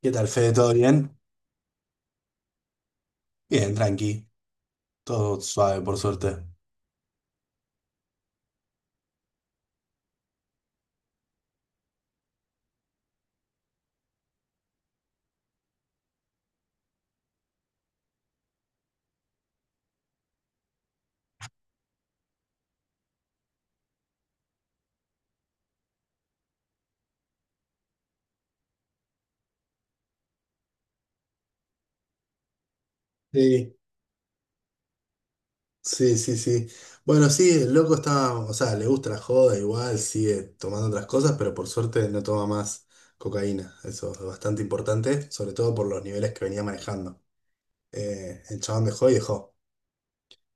¿Qué tal, Fede? ¿Todo bien? Bien, tranqui. Todo suave, por suerte. Sí, sí, sí, sí. Bueno, sí, el loco está, o sea, le gusta la joda, igual sigue tomando otras cosas, pero por suerte no toma más cocaína. Eso es bastante importante, sobre todo por los niveles que venía manejando. El chabón dejó y dejó.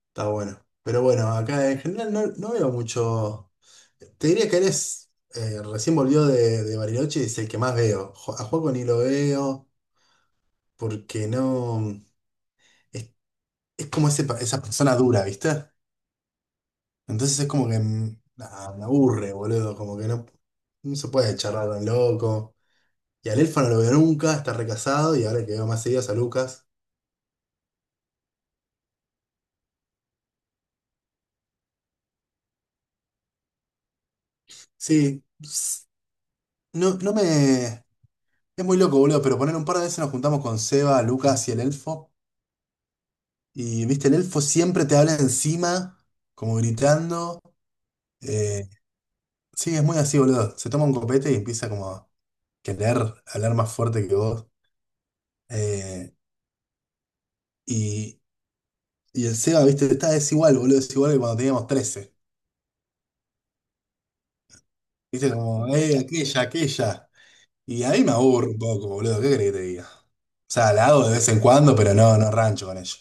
Está bueno. Pero bueno, acá en general no, no veo mucho. Te diría que eres, recién volvió de, Bariloche y es el que más veo. A Juaco ni lo veo porque no. Es como ese, esa persona dura, ¿viste? Entonces es como que nada, me aburre, boludo, como que no, no se puede charlar tan loco. Y al Elfa no lo veo nunca, está recasado y ahora que veo más seguidas a Lucas. Sí, no, no me... Es muy loco, boludo, pero poner un par de veces nos juntamos con Seba, Lucas y el Elfo. Y, viste, el Elfo siempre te habla encima, como gritando. eh, sí, es muy así, boludo. Se toma un copete y empieza como a querer hablar más fuerte que vos. Eh, y, Y el Seba, viste, está desigual, boludo, desigual que cuando teníamos 13. Viste, como, aquella, aquella. Y ahí me aburro un poco, boludo, ¿qué querés que te diga? O sea, la hago de vez en cuando, pero no, no rancho con ello.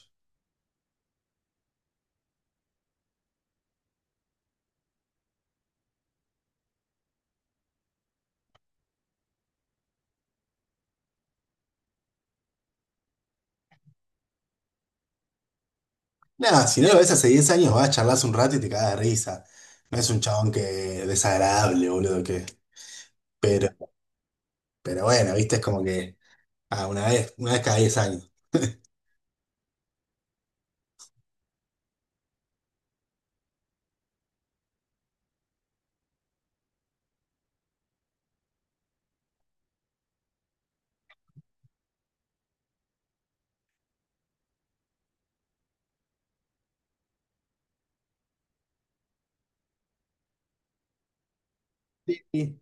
Nada, si no lo ves hace 10 años, vas a charlas un rato y te cagas de risa. No es un chabón que desagradable, boludo, que. Pero, pero bueno, viste, es como que. Ah, una vez cada 10 años. Sí, sí.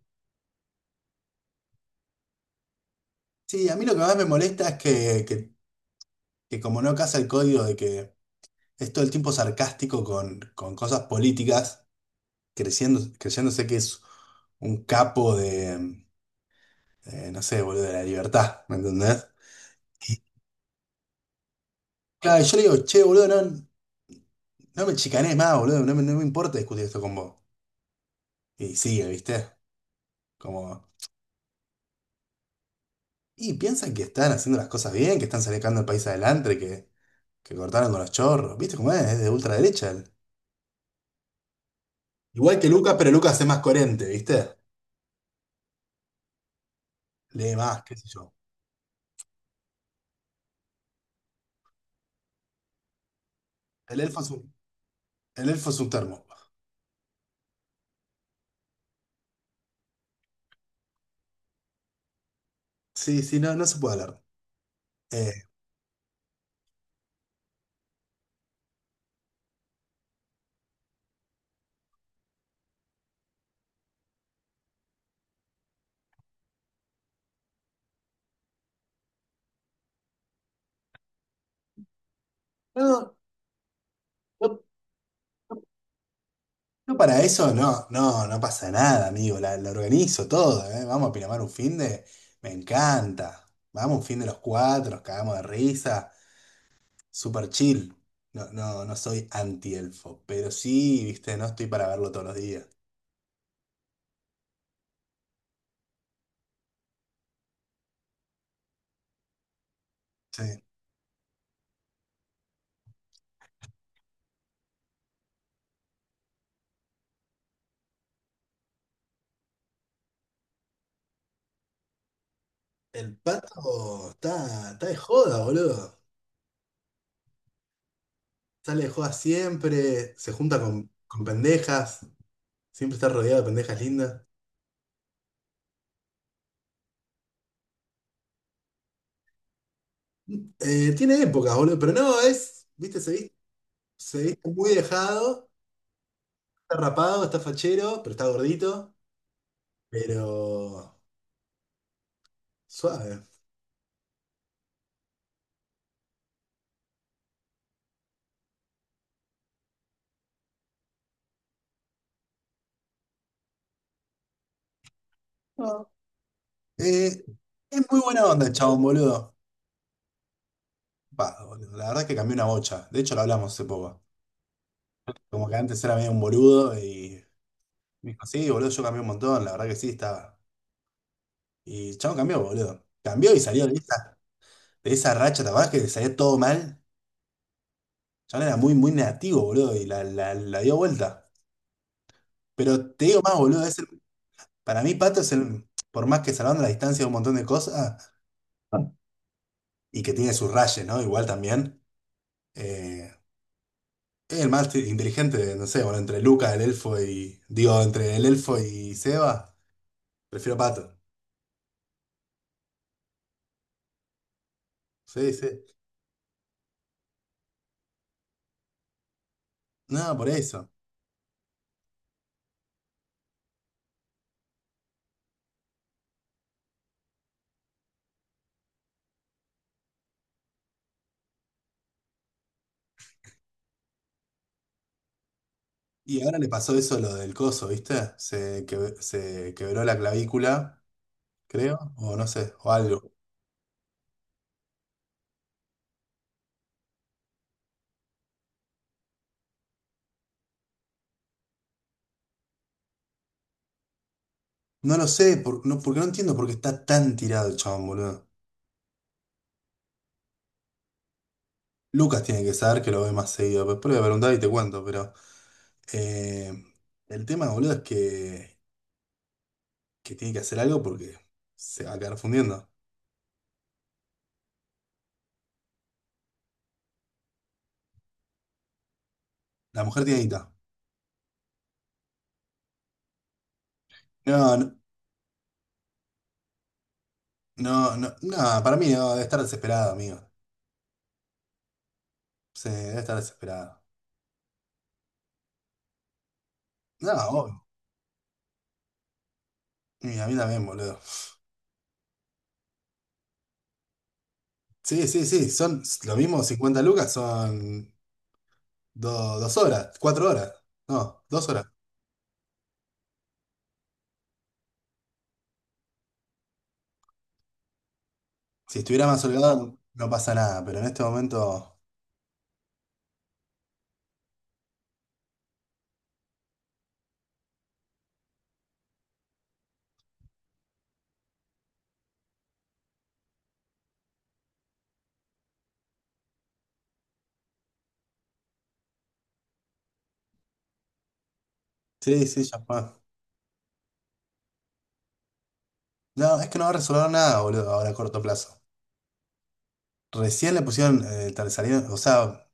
Sí, a mí lo que más me molesta es que como no casa el código de que es todo el tiempo sarcástico con, cosas políticas. Creciendo, creyéndose que es un capo de, no sé, boludo, de la libertad, ¿me entendés? Y claro, yo le digo, che, boludo, no, no me chicanes más, boludo, no me, no me importa discutir esto con vos. Y sigue, ¿viste? Como, y piensan que están haciendo las cosas bien, que están sacando el país adelante, que cortaron con los chorros, ¿viste cómo es? Es de ultraderecha él. Igual que Lucas, pero Lucas es más coherente, ¿viste? Lee más, qué sé yo. El elfo es un, el elfo es un termo. Sí, sí, no, no se puede hablar. Eh, no, no, no, para eso no, no, no pasa nada, amigo. La organizo todo, ¿eh? Vamos a Pinamar un fin de. Me encanta. Vamos un fin de los cuatro, nos cagamos de risa. Super chill. No, no, no soy anti-elfo, pero sí, viste, no estoy para verlo todos los días. Sí. El pato está de joda, boludo. Sale de joda siempre, se junta con pendejas, siempre está rodeado de pendejas lindas. Tiene épocas, boludo, pero no, es, viste, se viste muy dejado. Está rapado, está fachero, pero está gordito, pero suave. No, eh, es muy buena onda el chabón, boludo. Va, boludo, la verdad es que cambió una bocha. De hecho, lo hablamos hace poco. Como que antes era medio un boludo y me dijo, sí, boludo, yo cambié un montón. La verdad que sí, estaba. Y el chabón cambió, boludo. Cambió y salió de esa, racha, ¿te acordás que le salía todo mal? El chabón era muy, muy negativo, boludo, y la dio vuelta. Pero te digo más, boludo, para mí Pato es el, por más que salvando la distancia de un montón de cosas. Y que tiene sus rayes, ¿no? Igual también. Eh, es el más inteligente, no sé, bueno, entre Luca, el elfo y. Digo, entre el elfo y Seba, prefiero Pato. Sí, sí. No, por eso. Y ahora le pasó eso lo del coso, ¿viste? Se quebró la clavícula, creo, o no sé, o algo. No lo sé, no, porque no entiendo por qué está tan tirado el chabón, boludo. Lucas tiene que saber que lo ve más seguido. Después le voy a preguntar y te cuento, pero. Eh, el tema, boludo, es que tiene que hacer algo porque se va a quedar fundiendo. La mujer tiene guita. No, no, no, no, no, para mí no, debe estar desesperada, amigo. Sí, debe estar desesperada. No, obvio. Y a mí también, boludo. Sí, sí, sí, son lo mismo, 50 lucas son 2 horas, 4 horas. No, 2 horas. Si estuviera más holgado, no pasa nada, pero en este momento. Sí, sí, ya fue. No, es que no va a resolver nada, boludo, ahora a corto plazo. Recién le pusieron, salieron, o sea,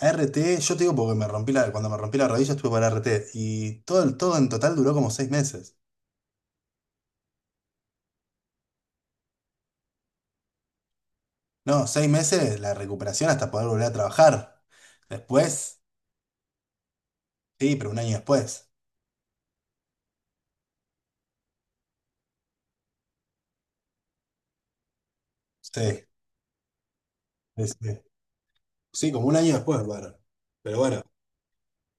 ART. Yo te digo porque cuando me rompí la rodilla estuve para ART y todo, todo en total duró como 6 meses. No, 6 meses la recuperación hasta poder volver a trabajar. Después, sí, pero un año después. Sí, sí, sí. Sí, como un año después, bueno. Pero bueno,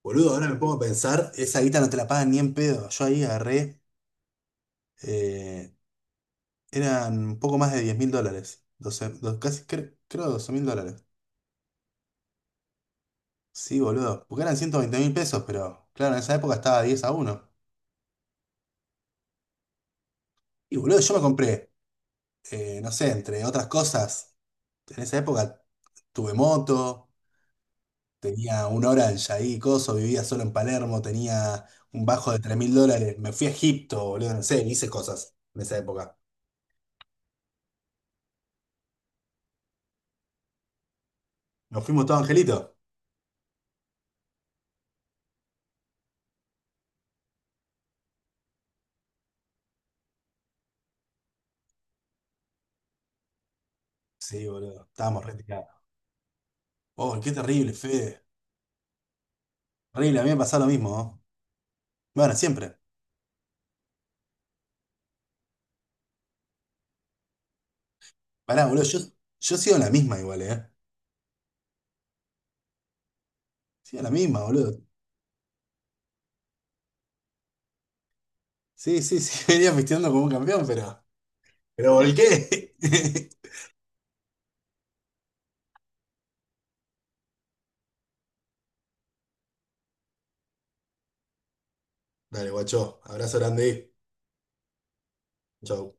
boludo, ahora me pongo a pensar, esa guita no te la pagan ni en pedo. Yo ahí agarré, eh, eran un poco más de 10.000 dólares. Doce, casi creo 12 mil dólares. Sí, boludo, porque eran 120.000 pesos, pero claro, en esa época estaba 10 a 1. Y boludo, yo me compré, no sé, entre otras cosas, en esa época tuve moto, tenía un Orange ahí, coso, vivía solo en Palermo, tenía un bajo de 3.000 dólares, me fui a Egipto, boludo, no sé, hice cosas en esa época. ¿Nos fuimos todos, Angelito? Sí, boludo, estábamos retirados. Oh, qué terrible, Fede. Terrible, a mí me pasó lo mismo, ¿no? Bueno, siempre. Pará, boludo, yo sigo en la misma igual, ¿eh? Sigo en la misma, boludo. Sí, sí, sí, venía pisteando como un campeón, pero... Pero volqué. Dale, guacho. Abrazo grande. Chau.